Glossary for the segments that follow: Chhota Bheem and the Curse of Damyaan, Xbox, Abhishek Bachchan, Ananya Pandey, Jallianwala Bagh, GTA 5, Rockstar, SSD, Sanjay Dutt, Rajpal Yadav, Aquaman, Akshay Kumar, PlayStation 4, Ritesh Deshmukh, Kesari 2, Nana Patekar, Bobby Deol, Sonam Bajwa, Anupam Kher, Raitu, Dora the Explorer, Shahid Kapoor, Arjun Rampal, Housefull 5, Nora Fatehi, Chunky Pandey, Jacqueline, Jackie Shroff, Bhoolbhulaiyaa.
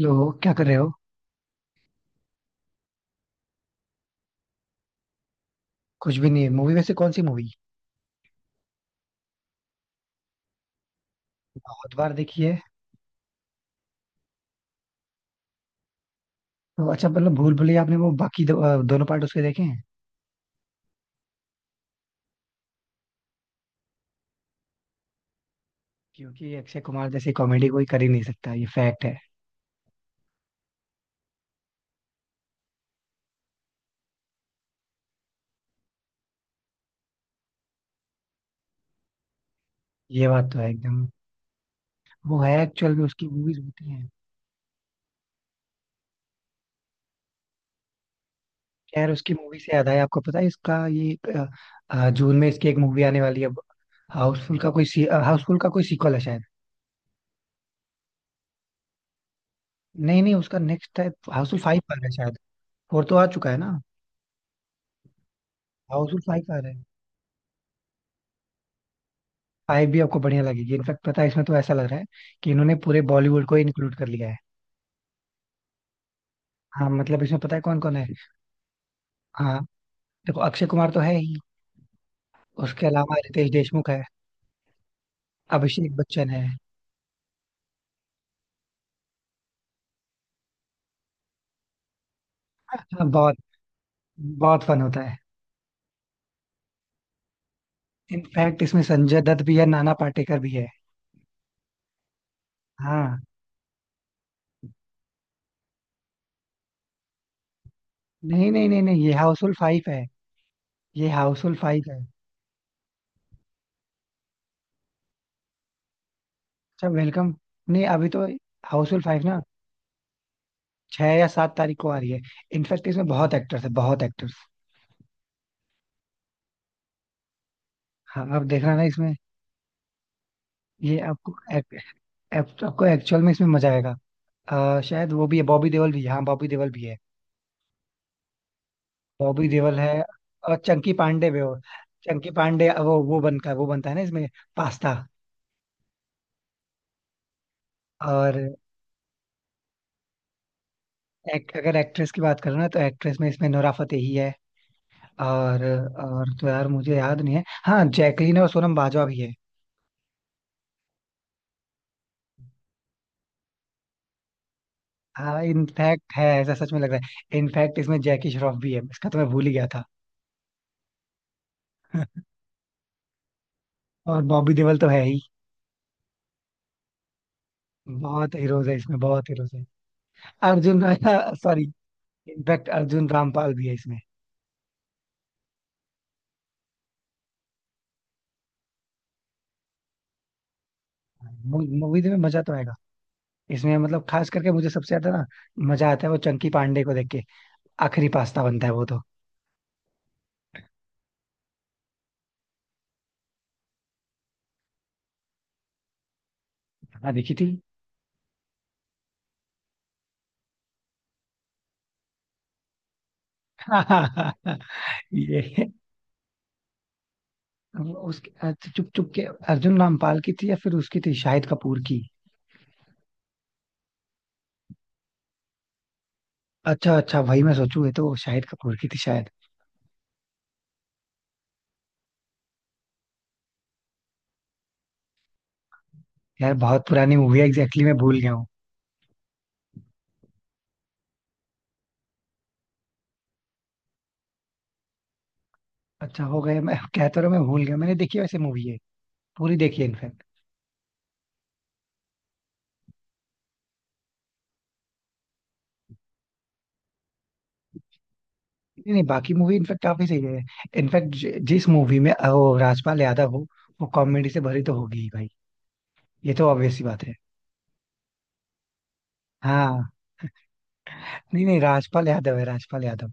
लो, क्या कर रहे हो। कुछ भी नहीं है। मूवी वैसे कौन सी मूवी। बहुत बार देखी है। तो अच्छा, मतलब भूल भुलैया आपने वो बाकी दोनों पार्ट उसके देखे हैं। क्योंकि अक्षय कुमार जैसी कॉमेडी कोई कर ही नहीं सकता, ये फैक्ट है। ये बात तो है एकदम। वो है एक्चुअल में, उसकी मूवीज होती हैं। खैर, उसकी मूवी से याद आया, आपको पता है इसका ये जून में इसकी एक मूवी आने वाली है। हाउसफुल का कोई सीक्वल है शायद। नहीं, नहीं, उसका नेक्स्ट है। हाउसफुल फाइव आ रहा है शायद। फोर तो आ चुका है ना। हाउसफुल फाइव आ रहा है। फाइव भी आपको बढ़िया लगेगी। इनफैक्ट पता है, इसमें तो ऐसा लग रहा है कि इन्होंने पूरे बॉलीवुड को इंक्लूड कर लिया है। हाँ, मतलब इसमें पता है कौन कौन है। हाँ, देखो, अक्षय कुमार तो है ही। उसके अलावा रितेश देशमुख है। अभिषेक बच्चन है। हाँ, बहुत। बहुत फन होता है। इनफैक्ट इसमें संजय दत्त भी है, नाना पाटेकर भी है। हाँ। नहीं, नहीं, नहीं, नहीं, ये हाउसफुल फाइव है। ये हाउसफुल फाइव है। अच्छा, वेलकम। नहीं, अभी तो हाउसफुल फाइव ना 6 या 7 तारीख को आ रही है। इनफैक्ट इसमें बहुत एक्टर्स है, बहुत एक्टर्स। हाँ, आप देख रहे ना इसमें। ये आपको, आपको एक्चुअल में इसमें मजा आएगा। शायद वो भी है, बॉबी देओल भी है, हाँ, बॉबी देओल भी है। बॉबी देओल है। और चंकी पांडे भी हो। चंकी पांडे वो बनता है, वो बनता है ना इसमें। पास्ता। और अगर एक्ट्रेस की बात करो ना, तो एक्ट्रेस में इसमें नोरा फतेही है। और और तो यार मुझे याद नहीं है, हाँ जैकलीन और सोनम बाजवा भी है। हाँ, इनफैक्ट है, ऐसा सच में लग रहा है। इनफैक्ट इसमें जैकी श्रॉफ भी है, इसका तो मैं भूल ही गया था। और बॉबी देओल तो है ही। बहुत हीरोज है इसमें, बहुत हीरोज है। अर्जुन सॉरी। इनफैक्ट अर्जुन रामपाल भी है इसमें। मूवी में मजा तो आएगा। इसमें मतलब खास करके मुझे सबसे ज्यादा ना मजा आता है वो चंकी पांडे को देख के। आखिरी पास्ता बनता है वो तो। हाँ, देखी थी। ये उसके अच्छा, चुप चुप के अर्जुन रामपाल की थी या फिर उसकी थी शाहिद कपूर की। अच्छा, अच्छा, भाई मैं सोचू ये तो शाहिद कपूर की थी शायद। यार बहुत पुरानी मूवी है, एग्जैक्टली मैं भूल गया हूँ। अच्छा, हो गया, मैं कहता रहा मैं भूल गया, मैंने देखी वैसे मूवी है। पूरी देखी है इनफैक्ट। नहीं, नहीं, बाकी मूवी इनफैक्ट काफी सही है। इनफैक्ट जिस मूवी में वो राजपाल यादव हो, वो कॉमेडी से भरी तो होगी ही भाई। ये तो ऑब्वियस सी बात है। हाँ। नहीं, नहीं, राजपाल यादव है, राजपाल यादव।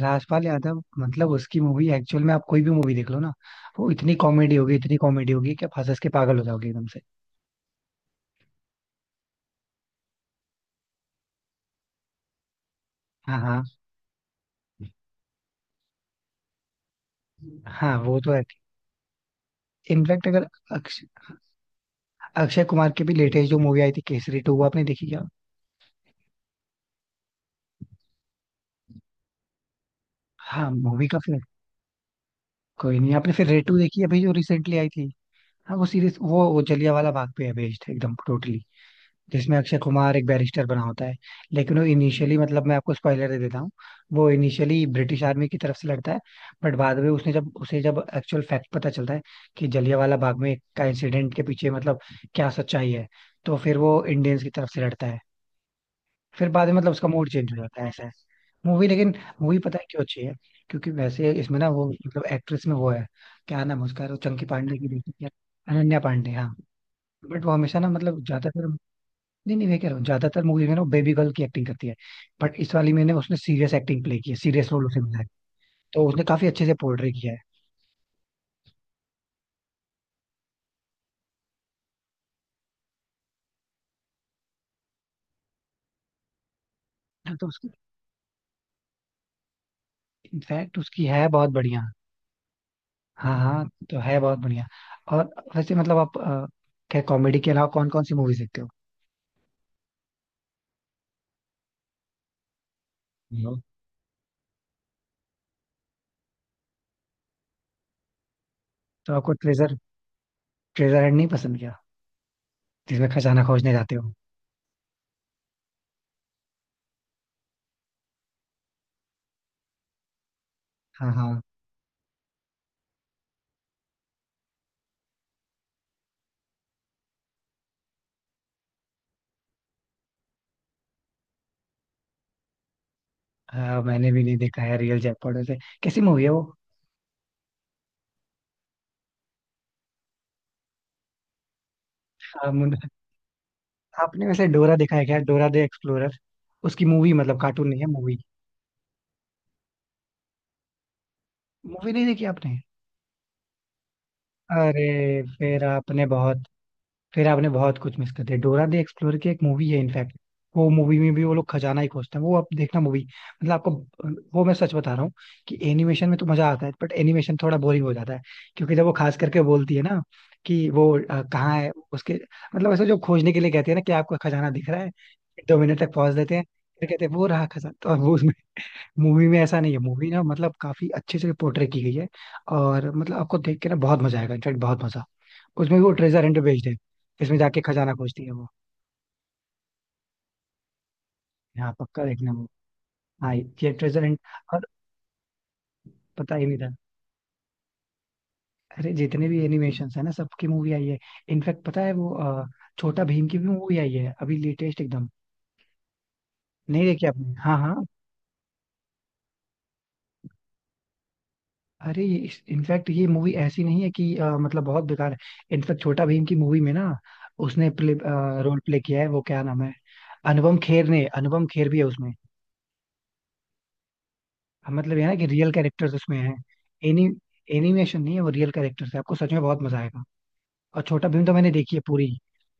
राजपाल यादव मतलब उसकी मूवी एक्चुअल में, आप कोई भी मूवी देख लो ना, वो इतनी कॉमेडी होगी, इतनी कॉमेडी होगी कि आप हंस हंस के पागल हो जाओगे एकदम से। हाँ, हाँ, हाँ, वो तो है। इनफैक्ट अगर अक्ष, अक्षय कुमार की भी लेटेस्ट जो मूवी आई थी केसरी टू, वो आपने देखी क्या। हाँ, मूवी का फिर कोई नहीं, आपने फिर रेटू देखी अभी जो रिसेंटली आई थी। हाँ, वो सीरीज वो जलियांवाला बाग पे है बेस्ड एकदम टोटली, जिसमें अक्षय कुमार एक बैरिस्टर बना होता है। लेकिन वो इनिशियली, मतलब मैं आपको स्पॉइलर दे देता हूँ, वो इनिशियली ब्रिटिश आर्मी की तरफ से लड़ता है। बट बाद में उसने जब, उसे जब एक्चुअल फैक्ट पता चलता है कि जलियांवाला बाग में का इंसिडेंट के पीछे मतलब क्या सच्चाई है, तो फिर वो इंडियंस की तरफ से लड़ता है। फिर बाद में मतलब उसका मूड चेंज हो जाता है, ऐसा है मूवी लेकिन। मूवी पता है क्यों अच्छी है, क्योंकि वैसे इसमें ना वो मतलब एक्ट्रेस में वो है, क्या नाम है उसका, वो चंकी पांडे की बेटी क्या, अनन्या पांडे, हाँ। बट वो हमेशा ना मतलब ज्यादातर, नहीं, नहीं, मैं कह रहा हूँ ज्यादातर मूवी में ना बेबी गर्ल की एक्टिंग करती है, बट इस वाली में ना उसने सीरियस एक्टिंग प्ले की है, सीरियस रोल उसे मिला है, तो उसने काफी अच्छे से पोर्ट्रे किया है। हाँ, तो उसकी, इनफैक्ट उसकी है बहुत बढ़िया। हाँ, हाँ, तो है बहुत बढ़िया। और वैसे मतलब आप क्या कॉमेडी के अलावा कौन कौन सी मूवीज देखते हो। नो। तो आपको ट्रेजर ट्रेजर हंट नहीं पसंद क्या, जिसमें खजाना खोजने जाते हो। हाँ, हाँ, हाँ। मैंने भी नहीं देखा है रियल जयपॉड वैसे। कैसी मूवी है वो। हाँ, मुन-। आपने वैसे डोरा देखा है क्या, डोरा द एक्सप्लोरर। उसकी मूवी, मतलब कार्टून नहीं है मूवी, मूवी नहीं देखी आपने। अरे, फिर आपने बहुत कुछ मिस कर दिया, डोरा द एक्सप्लोरर की एक मूवी है इनफैक्ट। वो मूवी में भी वो लोग खजाना ही खोजते हैं, वो आप देखना मूवी, मतलब आपको वो मैं सच बता रहा हूँ कि एनिमेशन में तो मजा आता है बट एनिमेशन थोड़ा बोरिंग हो जाता है, क्योंकि जब वो खास करके बोलती है ना कि वो कहाँ है उसके, मतलब ऐसे जो खोजने के लिए कहते हैं ना कि आपको खजाना दिख रहा है, 2 मिनट तक पहुंच देते हैं, फिर कहते हैं वो रहा खजाना तो वो। मूवी में ऐसा नहीं है, मूवी ना मतलब काफी अच्छे से पोर्ट्रे की गई है, और मतलब आपको देख के ना बहुत मजा आएगा, इनफैक्ट बहुत मजा। उसमें भी वो ट्रेजर हंट भेजते हैं, इसमें जाके खजाना खोजती है वो। यहाँ पक्का देखना वो। हाँ, ये ट्रेजर हंट। और पता ही नहीं था। अरे, जितने भी एनिमेशन है ना सबकी मूवी आई है। इनफैक्ट पता है वो छोटा भीम की भी मूवी आई है अभी, लेटेस्ट एकदम। नहीं देखी आपने, हाँ, हाँ। अरे, ये इनफैक्ट ये मूवी ऐसी नहीं है कि मतलब बहुत बेकार है। इनफैक्ट छोटा भीम की मूवी में ना उसने प्ले, रोल प्ले किया है वो, क्या नाम है, अनुपम खेर ने, अनुपम खेर भी है उसमें। हाँ, मतलब ये ना कि रियल कैरेक्टर्स उसमें हैं, एनी एनिमेशन नहीं है, वो रियल कैरेक्टर्स है, आपको सच में बहुत मजा आएगा। और छोटा भीम तो मैंने देखी है पूरी।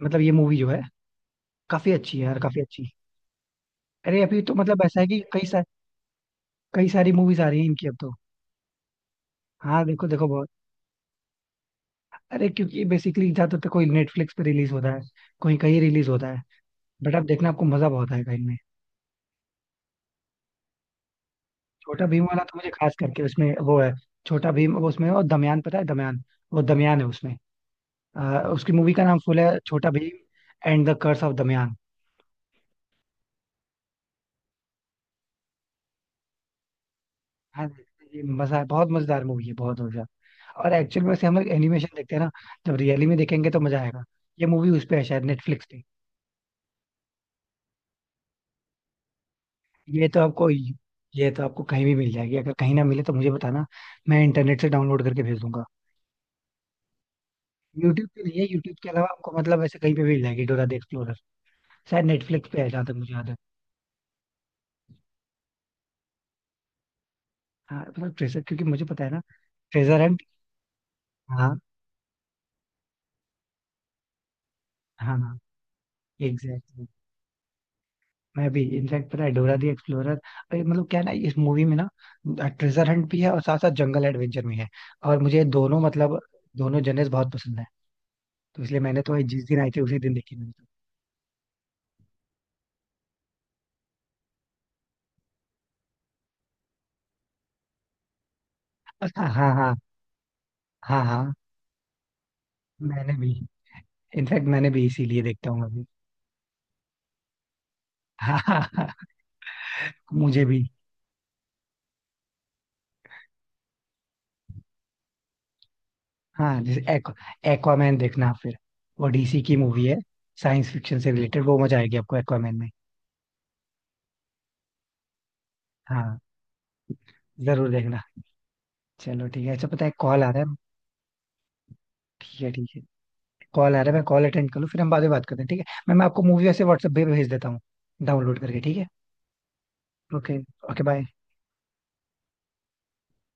मतलब ये मूवी जो है काफी अच्छी है यार, काफी अच्छी। अरे, अभी तो मतलब ऐसा है कि कई सारी मूवीज आ रही हैं इनकी अब तो। हाँ, देखो, देखो, बहुत। अरे, क्योंकि बेसिकली ज्यादातर तो कोई नेटफ्लिक्स पे रिलीज होता है, कोई कहीं रिलीज होता है। बट अब देखना, आपको मजा बहुत आएगा इनमें। छोटा भीम वाला तो मुझे खास करके उसमें वो है। छोटा भीम वो उसमें है, और दमयान, पता है दमयान, वो दमयान है उसमें। अ, उसकी मूवी का नाम फुल है Chhota Bheem and the curse of Damyaan. हाँ, ये मजा है, बहुत मजेदार मूवी है, बहुत मजा। और एक्चुअल में से हम लोग एनिमेशन देखते हैं ना, जब रियली में देखेंगे तो मजा आएगा। ये मूवी उस पे है शायद, नेटफ्लिक्स पे। ये तो आपको कहीं भी मिल जाएगी, अगर कहीं ना मिले तो मुझे बताना, मैं इंटरनेट से डाउनलोड करके भेज दूंगा। यूट्यूब पे नहीं है, यूट्यूब के अलावा आपको मतलब ऐसे कहीं पे भी मिल जाएगी डोरा द एक्सप्लोरर। शायद नेटफ्लिक्स पे है जहाँ तक मुझे याद है। हाँ, मतलब ट्रेजर, क्योंकि मुझे पता है ना ट्रेजर हंट। हाँ, हाँ, हाँ, एग्जैक्टली। मैं भी इनफैक्ट, पता है डोरा दी एक्सप्लोरर, मतलब क्या है ना, इस मूवी में ना ट्रेजर हंट भी है और साथ साथ जंगल एडवेंचर भी है, और मुझे दोनों मतलब दोनों जनर्स बहुत पसंद है, तो इसलिए मैंने तो ये जिस दिन आई थी उसी दिन देखी मैंने तो। अच्छा, हाँ, हाँ, हाँ, हाँ। हाँ, मैंने भी, इनफैक्ट मैंने भी इसीलिए देखता हूँ अभी। हाँ, हाँ, हाँ, मुझे भी। हाँ, जैसे एक्वामैन देखना आप फिर, वो डीसी की मूवी है, साइंस फिक्शन से रिलेटेड, वो मजा आएगी आपको एक्वामैन में। हाँ, जरूर देखना। चलो, ठीक है, अच्छा पता है, कॉल आ रहा है। ठीक है, ठीक है। कॉल आ रहा है, मैं कॉल अटेंड कर लूँ, फिर हम बाद में बात करते हैं, ठीक है। मैं आपको मूवी ऐसे व्हाट्सएप पे भेज देता हूँ, डाउनलोड करके, ठीक है। Okay, okay bye.